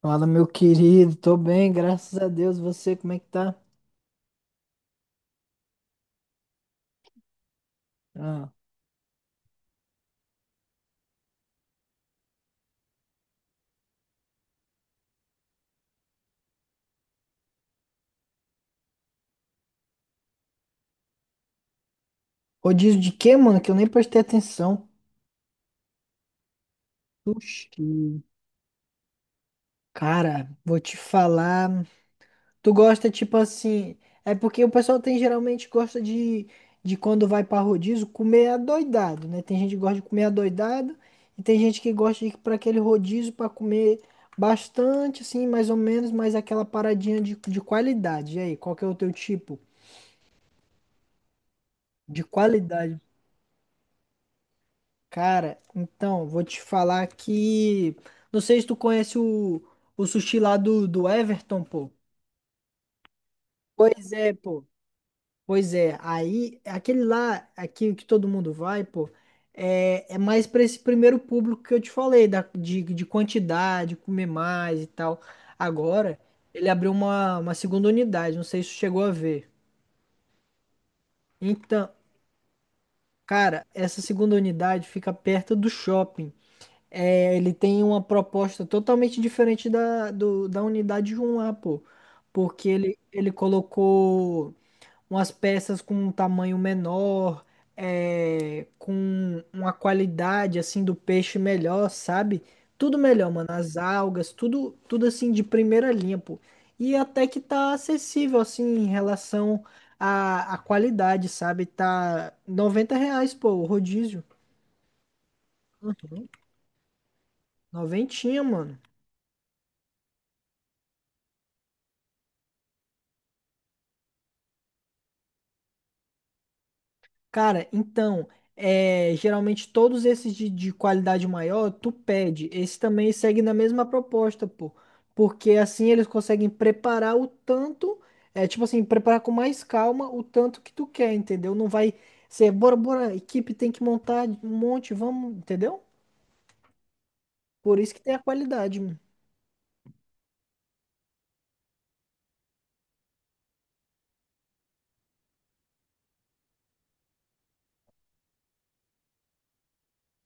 Fala, meu querido, tô bem, graças a Deus. Você, como é que tá? Ah, rodízio de quê, mano? Que eu nem prestei atenção. Sushi. Cara, vou te falar. Tu gosta, tipo assim. É porque o pessoal tem geralmente gosta de quando vai pra rodízio comer adoidado, né? Tem gente que gosta de comer adoidado e tem gente que gosta de ir pra aquele rodízio pra comer bastante, assim, mais ou menos, mas aquela paradinha de qualidade. E aí, qual que é o teu tipo de qualidade? Cara, então, vou te falar que. Não sei se tu conhece o sushi lá do Everton, pô. Pois é, pô. Pois é. Aí, aquele lá, aqui que todo mundo vai, pô, é mais pra esse primeiro público que eu te falei, de quantidade, comer mais e tal. Agora, ele abriu uma segunda unidade, não sei se tu chegou a ver. Então, cara, essa segunda unidade fica perto do shopping. É, ele tem uma proposta totalmente diferente da unidade 1 lá, pô. Porque ele colocou umas peças com um tamanho menor, com uma qualidade assim do peixe melhor, sabe? Tudo melhor, mano. As algas, tudo assim de primeira linha, pô. E até que tá acessível, assim, em relação à qualidade, sabe? Tá R$ 90, pô, o rodízio. Noventinha, mano. Cara, então, geralmente todos esses de qualidade maior, tu pede. Esse também segue na mesma proposta, pô. Porque assim eles conseguem preparar o tanto, é tipo assim, preparar com mais calma o tanto que tu quer, entendeu? Não vai ser, bora, bora, equipe tem que montar um monte, vamos, entendeu? Por isso que tem a qualidade.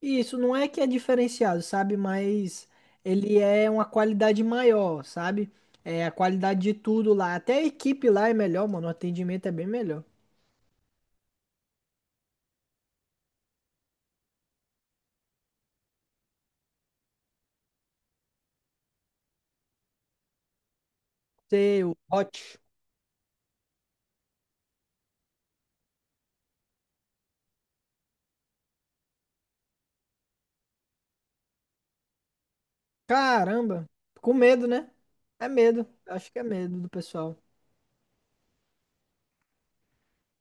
E isso não é que é diferenciado, sabe? Mas ele é uma qualidade maior, sabe? É a qualidade de tudo lá. Até a equipe lá é melhor, mano. O atendimento é bem melhor. Seu hot. Caramba. Com medo, né? É medo. Acho que é medo do pessoal.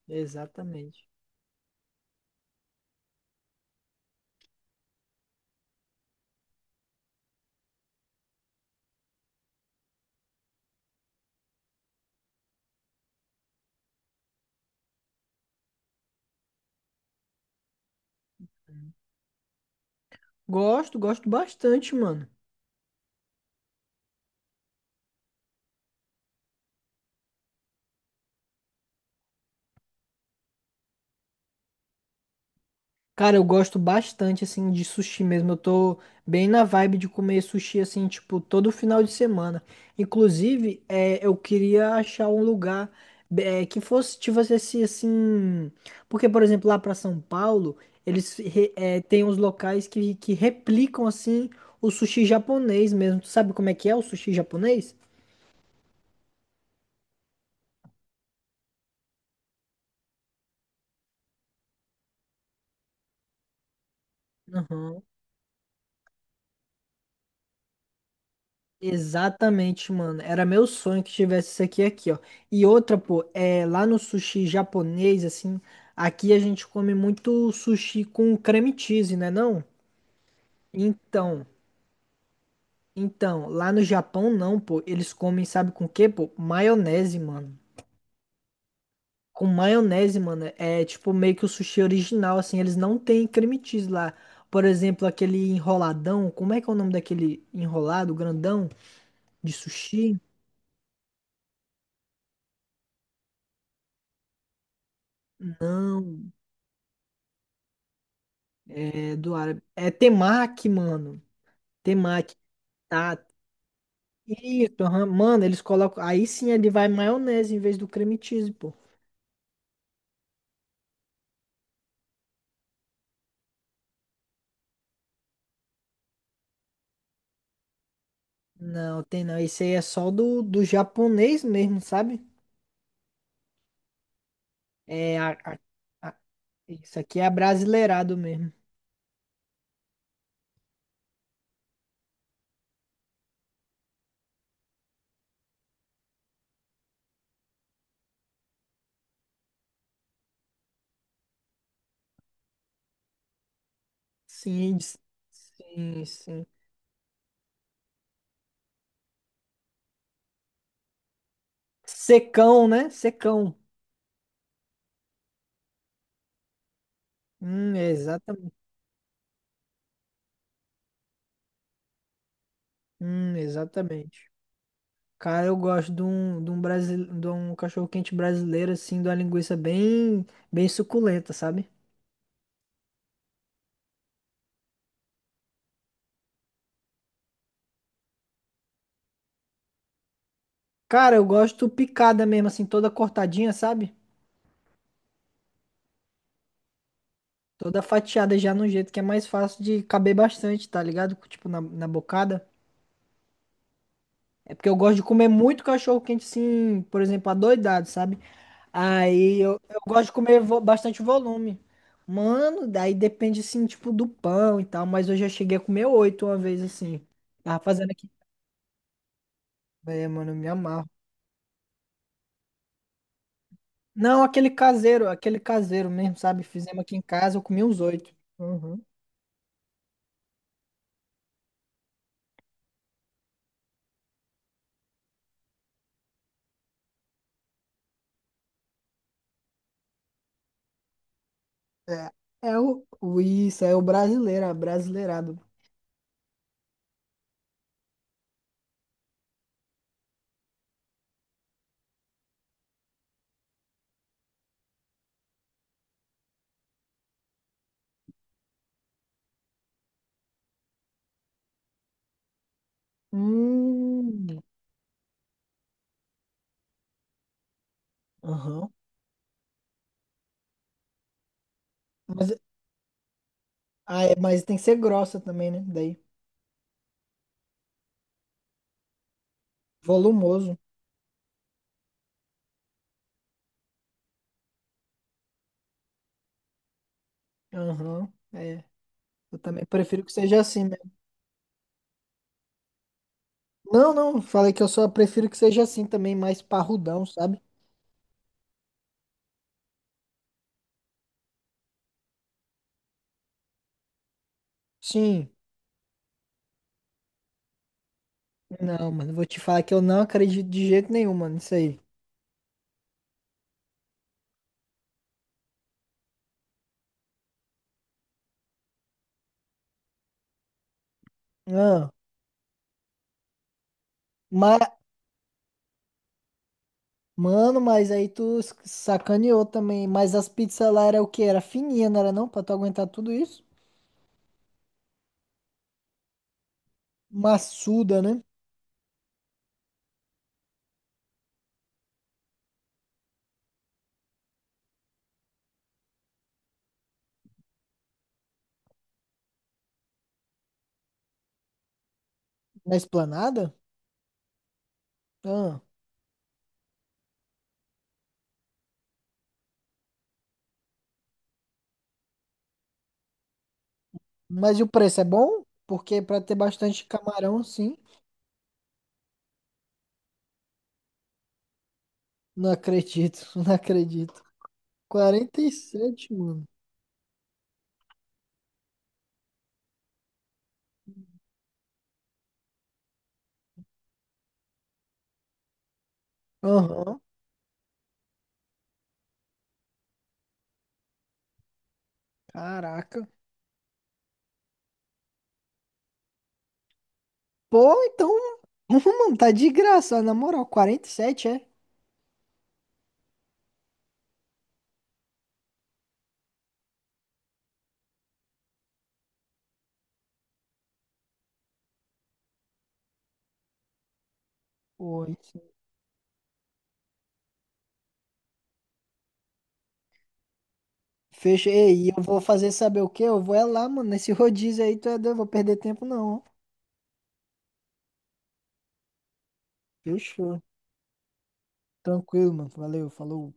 Exatamente. Gosto, gosto bastante, mano. Cara, eu gosto bastante, assim, de sushi mesmo. Eu tô bem na vibe de comer sushi, assim, tipo, todo final de semana. Inclusive, eu queria achar um lugar que fosse, tivesse esse, assim... Porque, por exemplo, lá pra São Paulo, eles têm uns locais que replicam, assim, o sushi japonês mesmo. Tu sabe como é que é o sushi japonês? Aham. Exatamente, mano. Era meu sonho que tivesse isso aqui, ó. E outra, pô, é lá no sushi japonês, assim, aqui a gente come muito sushi com creme cheese, né, não? Então, então, lá no Japão não, pô. Eles comem, sabe com o quê, pô? Maionese, mano. Com maionese, mano. Tipo meio que o sushi original, assim, eles não têm creme cheese lá. Por exemplo, aquele enroladão, como é que é o nome daquele enrolado grandão de sushi? É, do árabe. É temaki, mano. Temaki. Tá. Isso, aham. Mano, eles colocam. Aí sim ele vai maionese em vez do creme cheese, pô. Não, tem não. Esse aí é só do japonês mesmo, sabe? É a, a- a- Isso aqui é brasileirado mesmo. Sim, sim, sim. Secão, né? Secão. Exatamente. Exatamente. Cara, eu gosto de um cachorro-quente brasileiro, assim, de uma linguiça bem, bem suculenta, sabe? Cara, eu gosto picada mesmo, assim, toda cortadinha, sabe? Toda fatiada já no jeito que é mais fácil de caber bastante, tá ligado? Tipo, na bocada. É porque eu gosto de comer muito cachorro-quente, assim, por exemplo, adoidado, sabe? Aí eu gosto de comer bastante volume. Mano, daí depende, assim, tipo, do pão e tal, mas eu já cheguei a comer oito uma vez, assim. Tava fazendo aqui. É, mano, eu me amarro. Não, aquele caseiro mesmo, sabe? Fizemos aqui em casa, eu comi uns oito. Uhum. É, isso, é o brasileiro, é brasileirado. Hum, Aham. Mas, mas tem que ser grossa também, né? Daí, volumoso. Aham. É, eu também prefiro que seja assim mesmo. Não, não, falei que eu só prefiro que seja assim também, mais parrudão, sabe? Sim. Não, mano, vou te falar que eu não acredito de jeito nenhum, mano, isso aí. Ah, mas Mano, mas aí tu sacaneou também. Mas as pizzas lá era o quê? Era fininha, não era não? Pra tu aguentar tudo isso? Maçuda, né? Na Esplanada? Ah. Mas e o preço é bom? Porque pra ter bastante camarão, sim. Não acredito, não acredito. 47, mano. Aham. Caraca. Pô, então. Mano, tá de graça, na moral. 47 é? Pô, isso. Fecha. Ei, e eu vou fazer saber o quê? Eu vou é lá, mano. Nesse rodízio aí, tu é doido, eu vou perder tempo, não. Fechou. Tranquilo, mano. Valeu, falou.